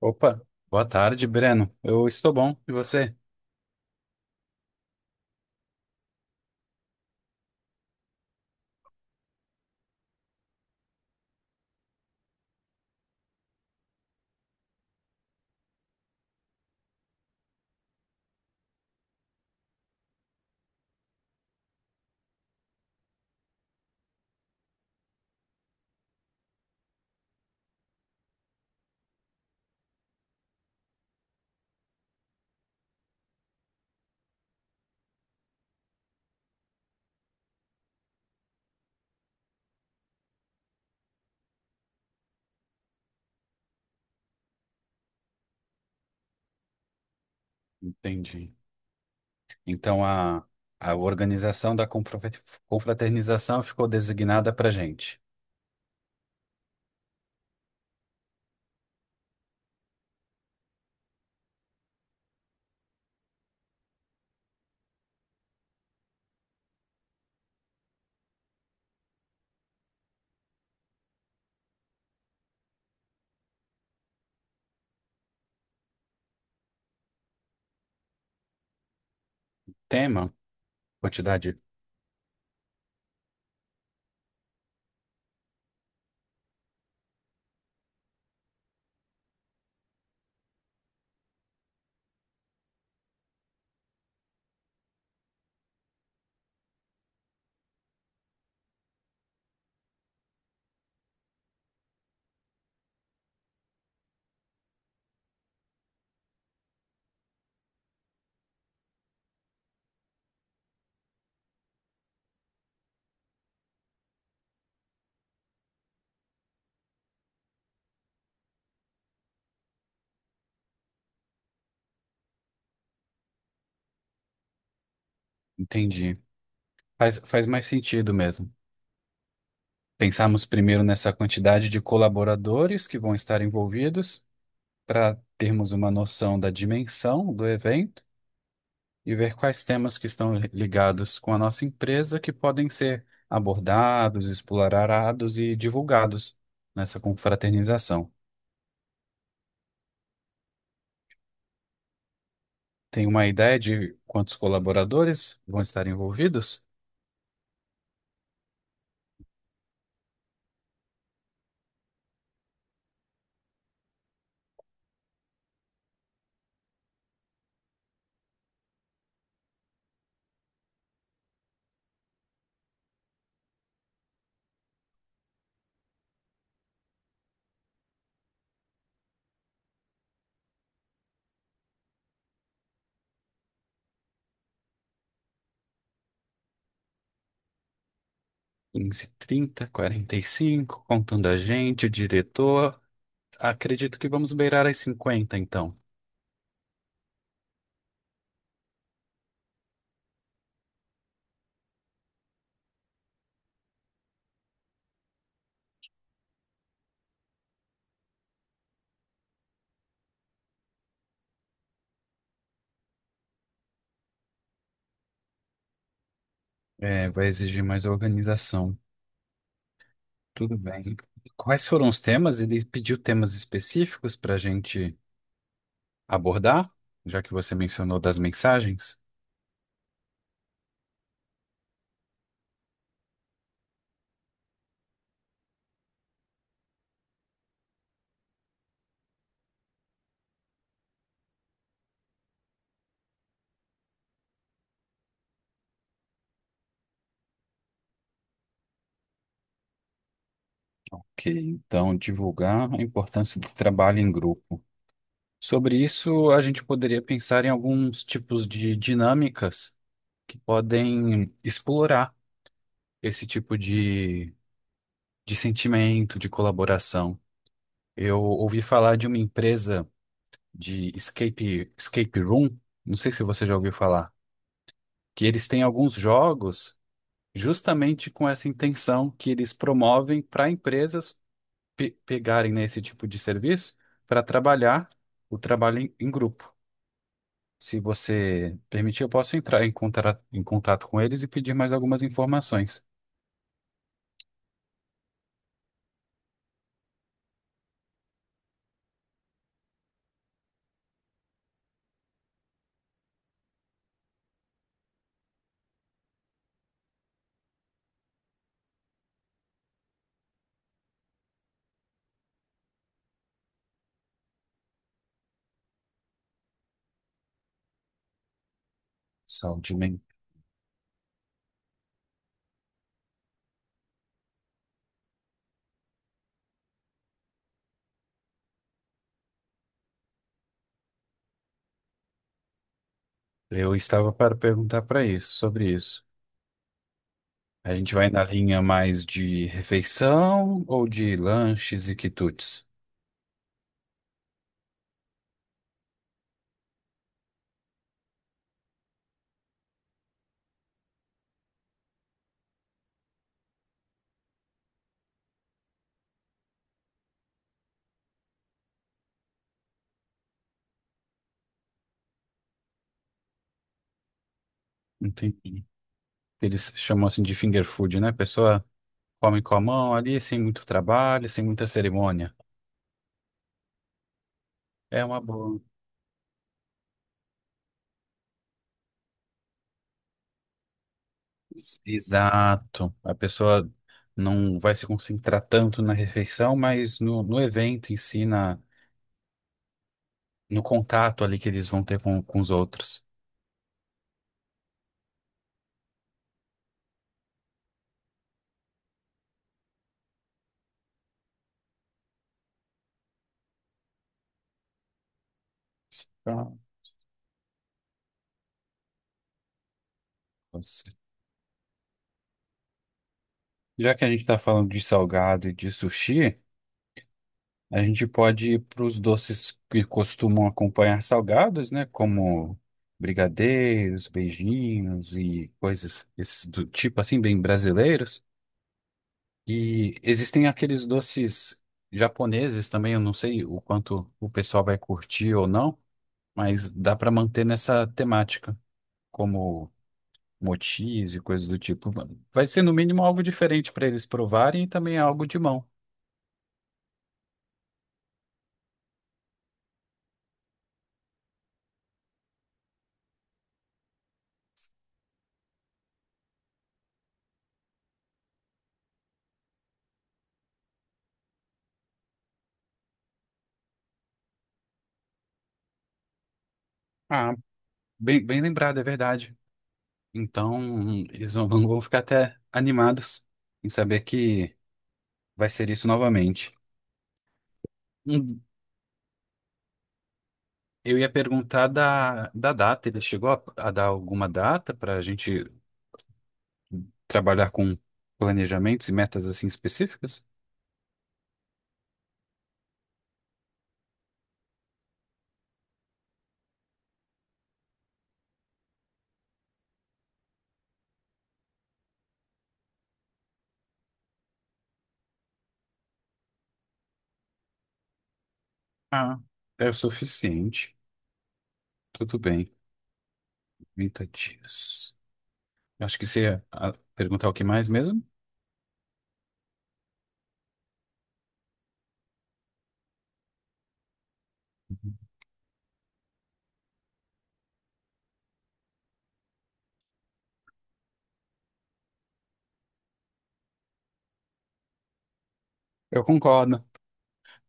Opa, boa tarde, Breno. Eu estou bom, e você? Entendi. Então a organização da confraternização ficou designada para gente. Tema, quantidade, entendi. Faz mais sentido mesmo. Pensamos primeiro nessa quantidade de colaboradores que vão estar envolvidos para termos uma noção da dimensão do evento. E ver quais temas que estão ligados com a nossa empresa que podem ser abordados, explorados e divulgados nessa confraternização. Tem uma ideia de quantos colaboradores vão estar envolvidos? 15, 30, 45, contando a gente, o diretor. Acredito que vamos beirar as 50, então. É, vai exigir mais organização. Tudo bem. Quais foram os temas? Ele pediu temas específicos para a gente abordar, já que você mencionou das mensagens. Ok, então divulgar a importância do trabalho em grupo. Sobre isso, a gente poderia pensar em alguns tipos de dinâmicas que podem explorar esse tipo de sentimento de colaboração. Eu ouvi falar de uma empresa escape room, não sei se você já ouviu falar, que eles têm alguns jogos justamente com essa intenção que eles promovem para empresas pegarem, né, esse tipo de serviço para trabalhar o trabalho em grupo. Se você permitir, eu posso entrar em contato com eles e pedir mais algumas informações. Saúde mental. Eu estava para perguntar para isso, sobre isso. A gente vai na linha mais de refeição ou de lanches e quitutes? Entendi. Eles chamam assim de finger food, né? A pessoa come com a mão ali, sem muito trabalho, sem muita cerimônia. É uma boa. Exato. A pessoa não vai se concentrar tanto na refeição, mas no evento em si, na, no contato ali que eles vão ter com os outros. Ah, nossa. Já que a gente está falando de salgado e de sushi, a gente pode ir para os doces que costumam acompanhar salgados, né? Como brigadeiros, beijinhos e coisas esses do tipo assim, bem brasileiros. E existem aqueles doces japoneses também, eu não sei o quanto o pessoal vai curtir ou não, mas dá para manter nessa temática, como mochis e coisas do tipo. Vai ser no mínimo algo diferente para eles provarem e também algo de mão. Ah, bem lembrado, é verdade. Então, eles vão, vão ficar até animados em saber que vai ser isso novamente. Hum, Eu ia perguntar da data. Ele chegou a dar alguma data para a gente trabalhar com planejamentos e metas assim específicas? Ah, é o suficiente. Tudo bem. 30 dias. Eu acho que você ia perguntar o que mais mesmo? Eu concordo,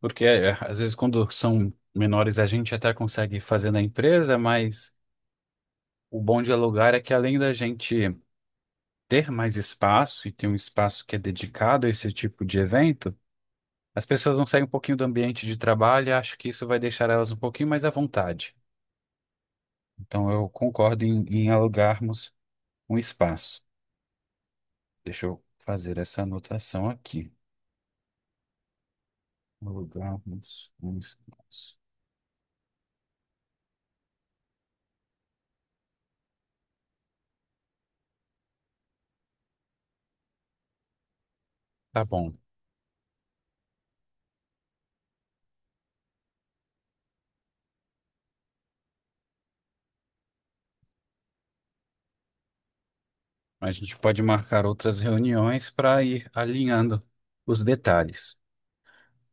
porque é, às vezes quando são menores a gente até consegue fazer na empresa, mas o bom de alugar é que além da gente ter mais espaço e ter um espaço que é dedicado a esse tipo de evento, as pessoas vão sair um pouquinho do ambiente de trabalho e acho que isso vai deixar elas um pouquinho mais à vontade. Então, eu concordo em alugarmos um espaço. Deixa eu fazer essa anotação aqui. Alugarmos um espaço. Tá bom. A gente pode marcar outras reuniões para ir alinhando os detalhes.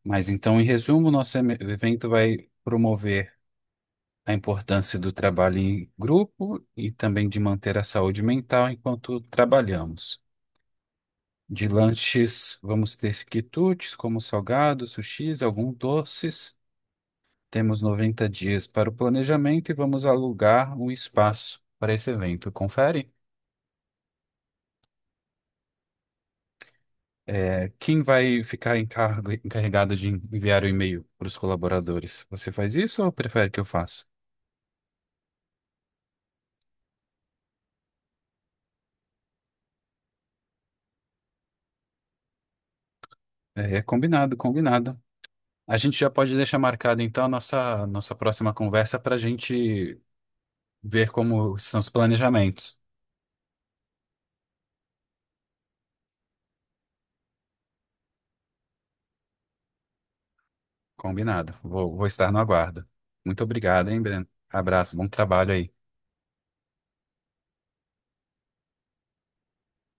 Mas então, em resumo, nosso evento vai promover a importância do trabalho em grupo e também de manter a saúde mental enquanto trabalhamos. De lanches, vamos ter quitutes, como salgados, sushis, alguns doces. Temos 90 dias para o planejamento e vamos alugar um espaço para esse evento. Confere? É, quem vai ficar encarregado de enviar o e-mail para os colaboradores? Você faz isso ou prefere que eu faça? É, combinado. A gente já pode deixar marcado então a nossa próxima conversa para a gente ver como são os planejamentos. Combinado. Vou estar no aguardo. Muito obrigado, hein, Breno? Abraço, bom trabalho aí.